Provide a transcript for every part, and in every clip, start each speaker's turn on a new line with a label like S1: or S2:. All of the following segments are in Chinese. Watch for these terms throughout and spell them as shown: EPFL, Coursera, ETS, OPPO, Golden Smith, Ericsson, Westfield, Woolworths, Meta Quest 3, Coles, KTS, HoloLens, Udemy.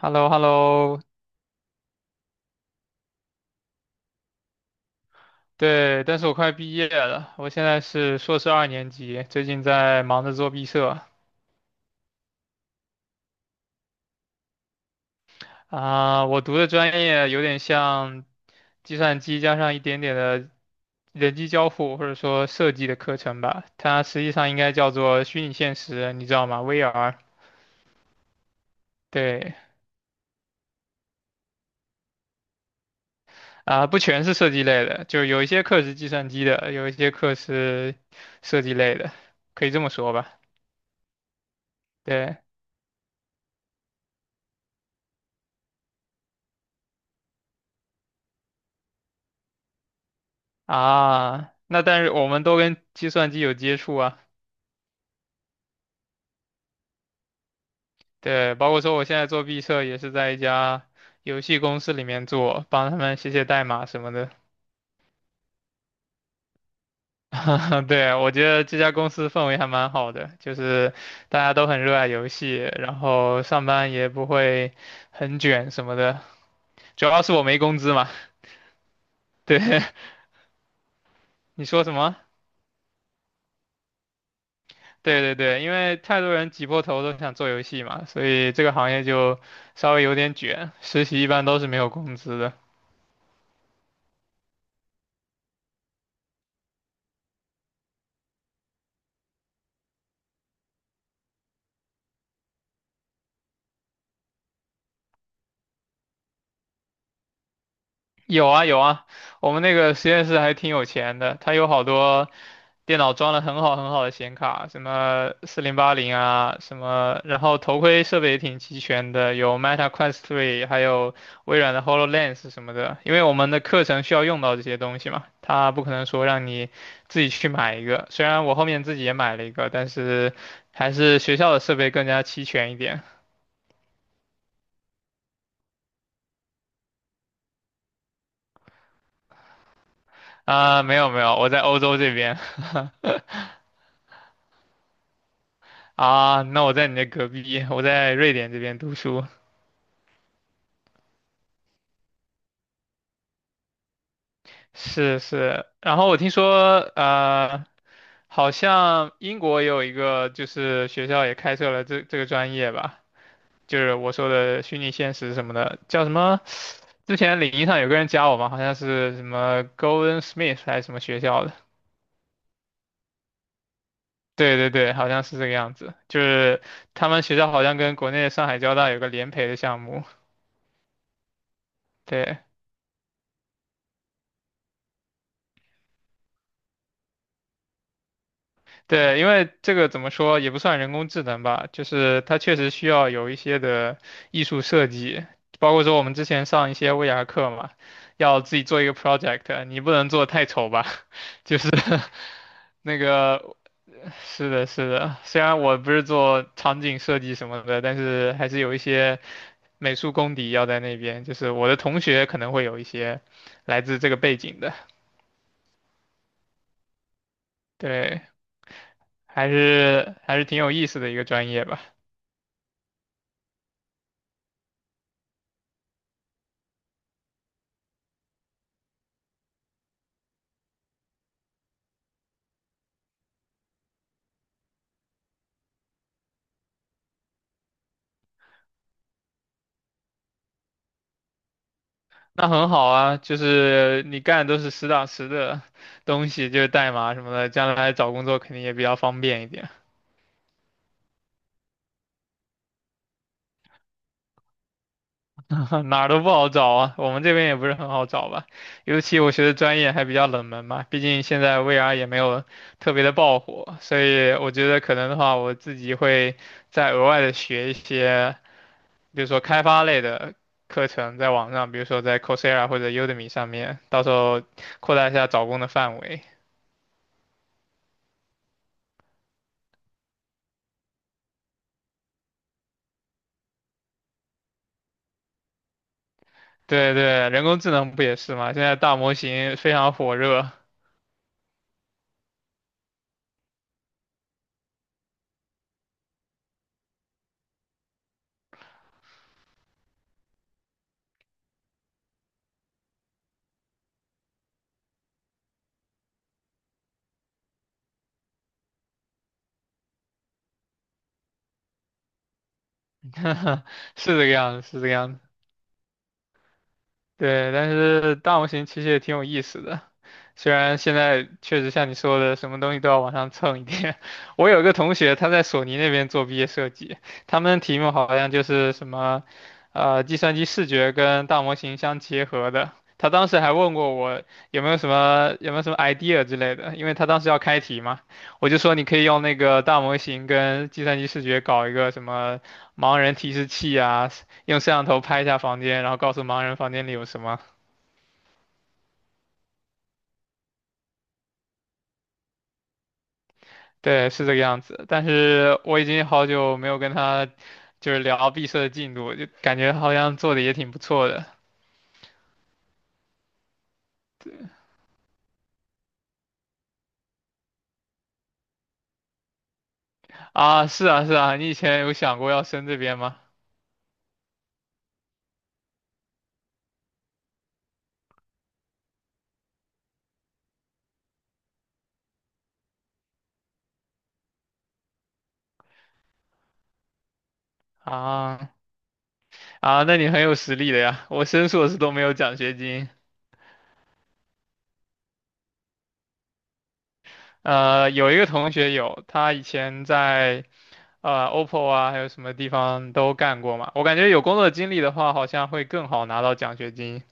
S1: h e l l o h e l l o 对，但是我快毕业了，我现在是硕士二年级，最近在忙着做毕设啊，我读的专业有点像计算机加上一点点的人机交互或者说设计的课程吧，它实际上应该叫做虚拟现实，你知道吗？VR。对，啊，不全是设计类的，就有一些课是计算机的，有一些课是设计类的，可以这么说吧。对。啊，那但是我们都跟计算机有接触啊，对，包括说我现在做毕设也是在一家游戏公司里面做，帮他们写写代码什么的。对，我觉得这家公司氛围还蛮好的，就是大家都很热爱游戏，然后上班也不会很卷什么的，主要是我没工资嘛。对，你说什么？对对对，因为太多人挤破头都想做游戏嘛，所以这个行业就稍微有点卷，实习一般都是没有工资的。有啊有啊，我们那个实验室还挺有钱的，它有好多电脑装了很好很好的显卡，什么4080啊，什么，然后头盔设备也挺齐全的，有 Meta Quest 3，还有微软的 HoloLens 什么的。因为我们的课程需要用到这些东西嘛，它不可能说让你自己去买一个。虽然我后面自己也买了一个，但是还是学校的设备更加齐全一点。啊、没有没有，我在欧洲这边。啊，那我在你那隔壁，我在瑞典这边读书。是是，然后我听说，好像英国也有一个，就是学校也开设了这个专业吧，就是我说的虚拟现实什么的，叫什么？之前领英上有个人加我嘛，好像是什么 Golden Smith 还是什么学校的。对对对，好像是这个样子，就是他们学校好像跟国内的上海交大有个联培的项目。对，对，因为这个怎么说也不算人工智能吧，就是它确实需要有一些的艺术设计，包括说我们之前上一些 VR 课嘛，要自己做一个 project，你不能做得太丑吧，就是 那个是的，是的，虽然我不是做场景设计什么的，但是还是有一些美术功底要在那边，就是我的同学可能会有一些来自这个背景的，对，还是还是挺有意思的一个专业吧。那很好啊，就是你干的都是实打实的东西，就是代码什么的，将来找工作肯定也比较方便一点。哪儿都不好找啊，我们这边也不是很好找吧，尤其我学的专业还比较冷门嘛，毕竟现在 VR 也没有特别的爆火，所以我觉得可能的话，我自己会再额外的学一些，比如说开发类的课程，在网上，比如说在 Coursera 或者 Udemy 上面，到时候扩大一下找工的范围。对对，人工智能不也是吗？现在大模型非常火热，是这个样子，是这个样子。对，但是大模型其实也挺有意思的，虽然现在确实像你说的，什么东西都要往上蹭一点。我有一个同学，他在索尼那边做毕业设计，他们的题目好像就是什么，计算机视觉跟大模型相结合的。他当时还问过我有没有什么 idea 之类的，因为他当时要开题嘛，我就说你可以用那个大模型跟计算机视觉搞一个什么盲人提示器啊，用摄像头拍一下房间，然后告诉盲人房间里有什么。对，是这个样子。但是我已经好久没有跟他就是聊毕设的进度，就感觉好像做的也挺不错的啊。是啊，是啊，你以前有想过要升这边吗？啊啊，那你很有实力的呀。我升硕士都没有奖学金。有一个同学有，他以前在OPPO 啊，还有什么地方都干过嘛。我感觉有工作经历的话，好像会更好拿到奖学金。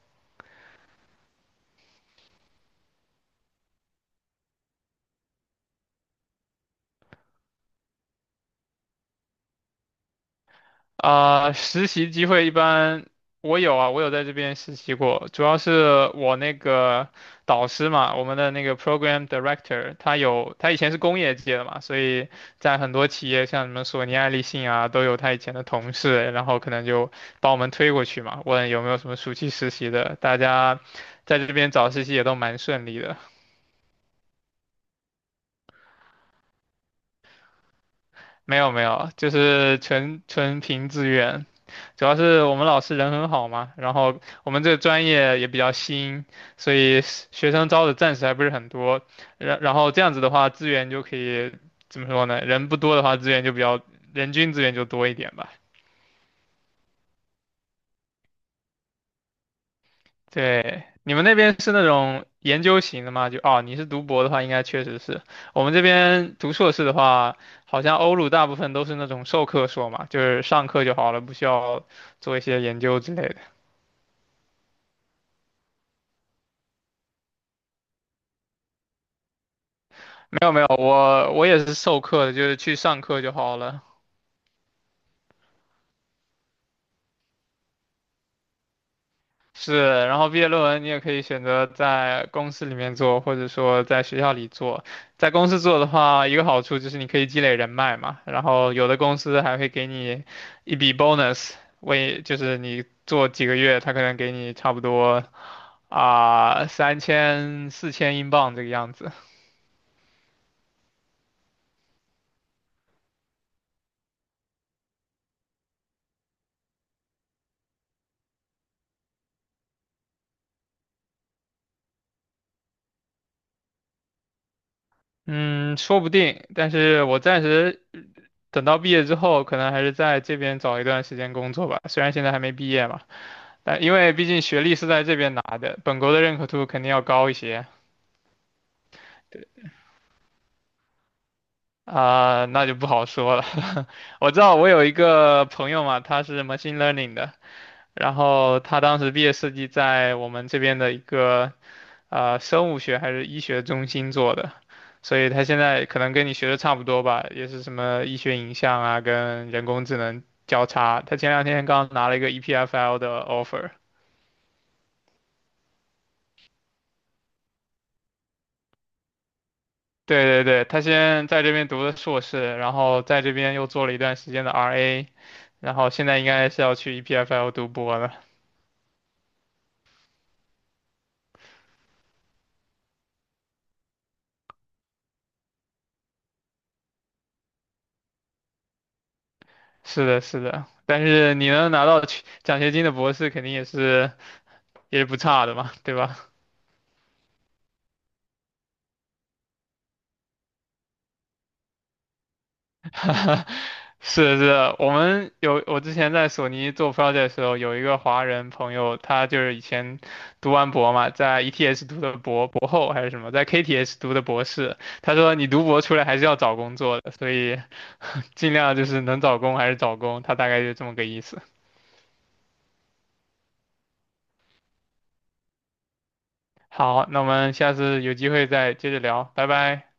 S1: 啊、实习机会一般我有在这边实习过，主要是我那个导师嘛，我们的那个 program director，他以前是工业界的嘛，所以在很多企业像什么索尼、爱立信啊，都有他以前的同事，然后可能就把我们推过去嘛，问有没有什么暑期实习的，大家在这边找实习也都蛮顺利的。没有没有，就是纯纯凭自愿，主要是我们老师人很好嘛，然后我们这个专业也比较新，所以是学生招的暂时还不是很多。然后这样子的话，资源就可以怎么说呢？人不多的话，资源就比较人均资源就多一点吧。对，你们那边是那种研究型的吗？就哦，你是读博的话，应该确实是。我们这边读硕士的话，好像欧陆大部分都是那种授课硕嘛，就是上课就好了，不需要做一些研究之类的。没有没有，我也是授课的，就是去上课就好了。是，然后毕业论文你也可以选择在公司里面做，或者说在学校里做。在公司做的话，一个好处就是你可以积累人脉嘛，然后有的公司还会给你一笔 bonus，就是你做几个月，他可能给你差不多30004000英镑这个样子。嗯，说不定，但是我暂时等到毕业之后，可能还是在这边找一段时间工作吧。虽然现在还没毕业嘛，但因为毕竟学历是在这边拿的，本国的认可度肯定要高一些啊，那就不好说了。我知道我有一个朋友嘛，他是 machine learning 的，然后他当时毕业设计在我们这边的一个生物学还是医学中心做的，所以他现在可能跟你学的差不多吧，也是什么医学影像啊，跟人工智能交叉。他前两天刚拿了一个 EPFL 的 offer。对对对，他先在这边读的硕士，然后在这边又做了一段时间的 RA，然后现在应该是要去 EPFL 读博了。是的，是的，但是你能拿到去奖学金的博士，肯定也是不差的嘛，对吧？是是，我们有我之前在索尼做 project 的时候，有一个华人朋友，他就是以前读完博嘛，在 ETS 读的博后还是什么，在 KTS 读的博士。他说你读博出来还是要找工作的，所以 尽量就是能找工还是找工，他大概就这么个意思。好，那我们下次有机会再接着聊，拜拜。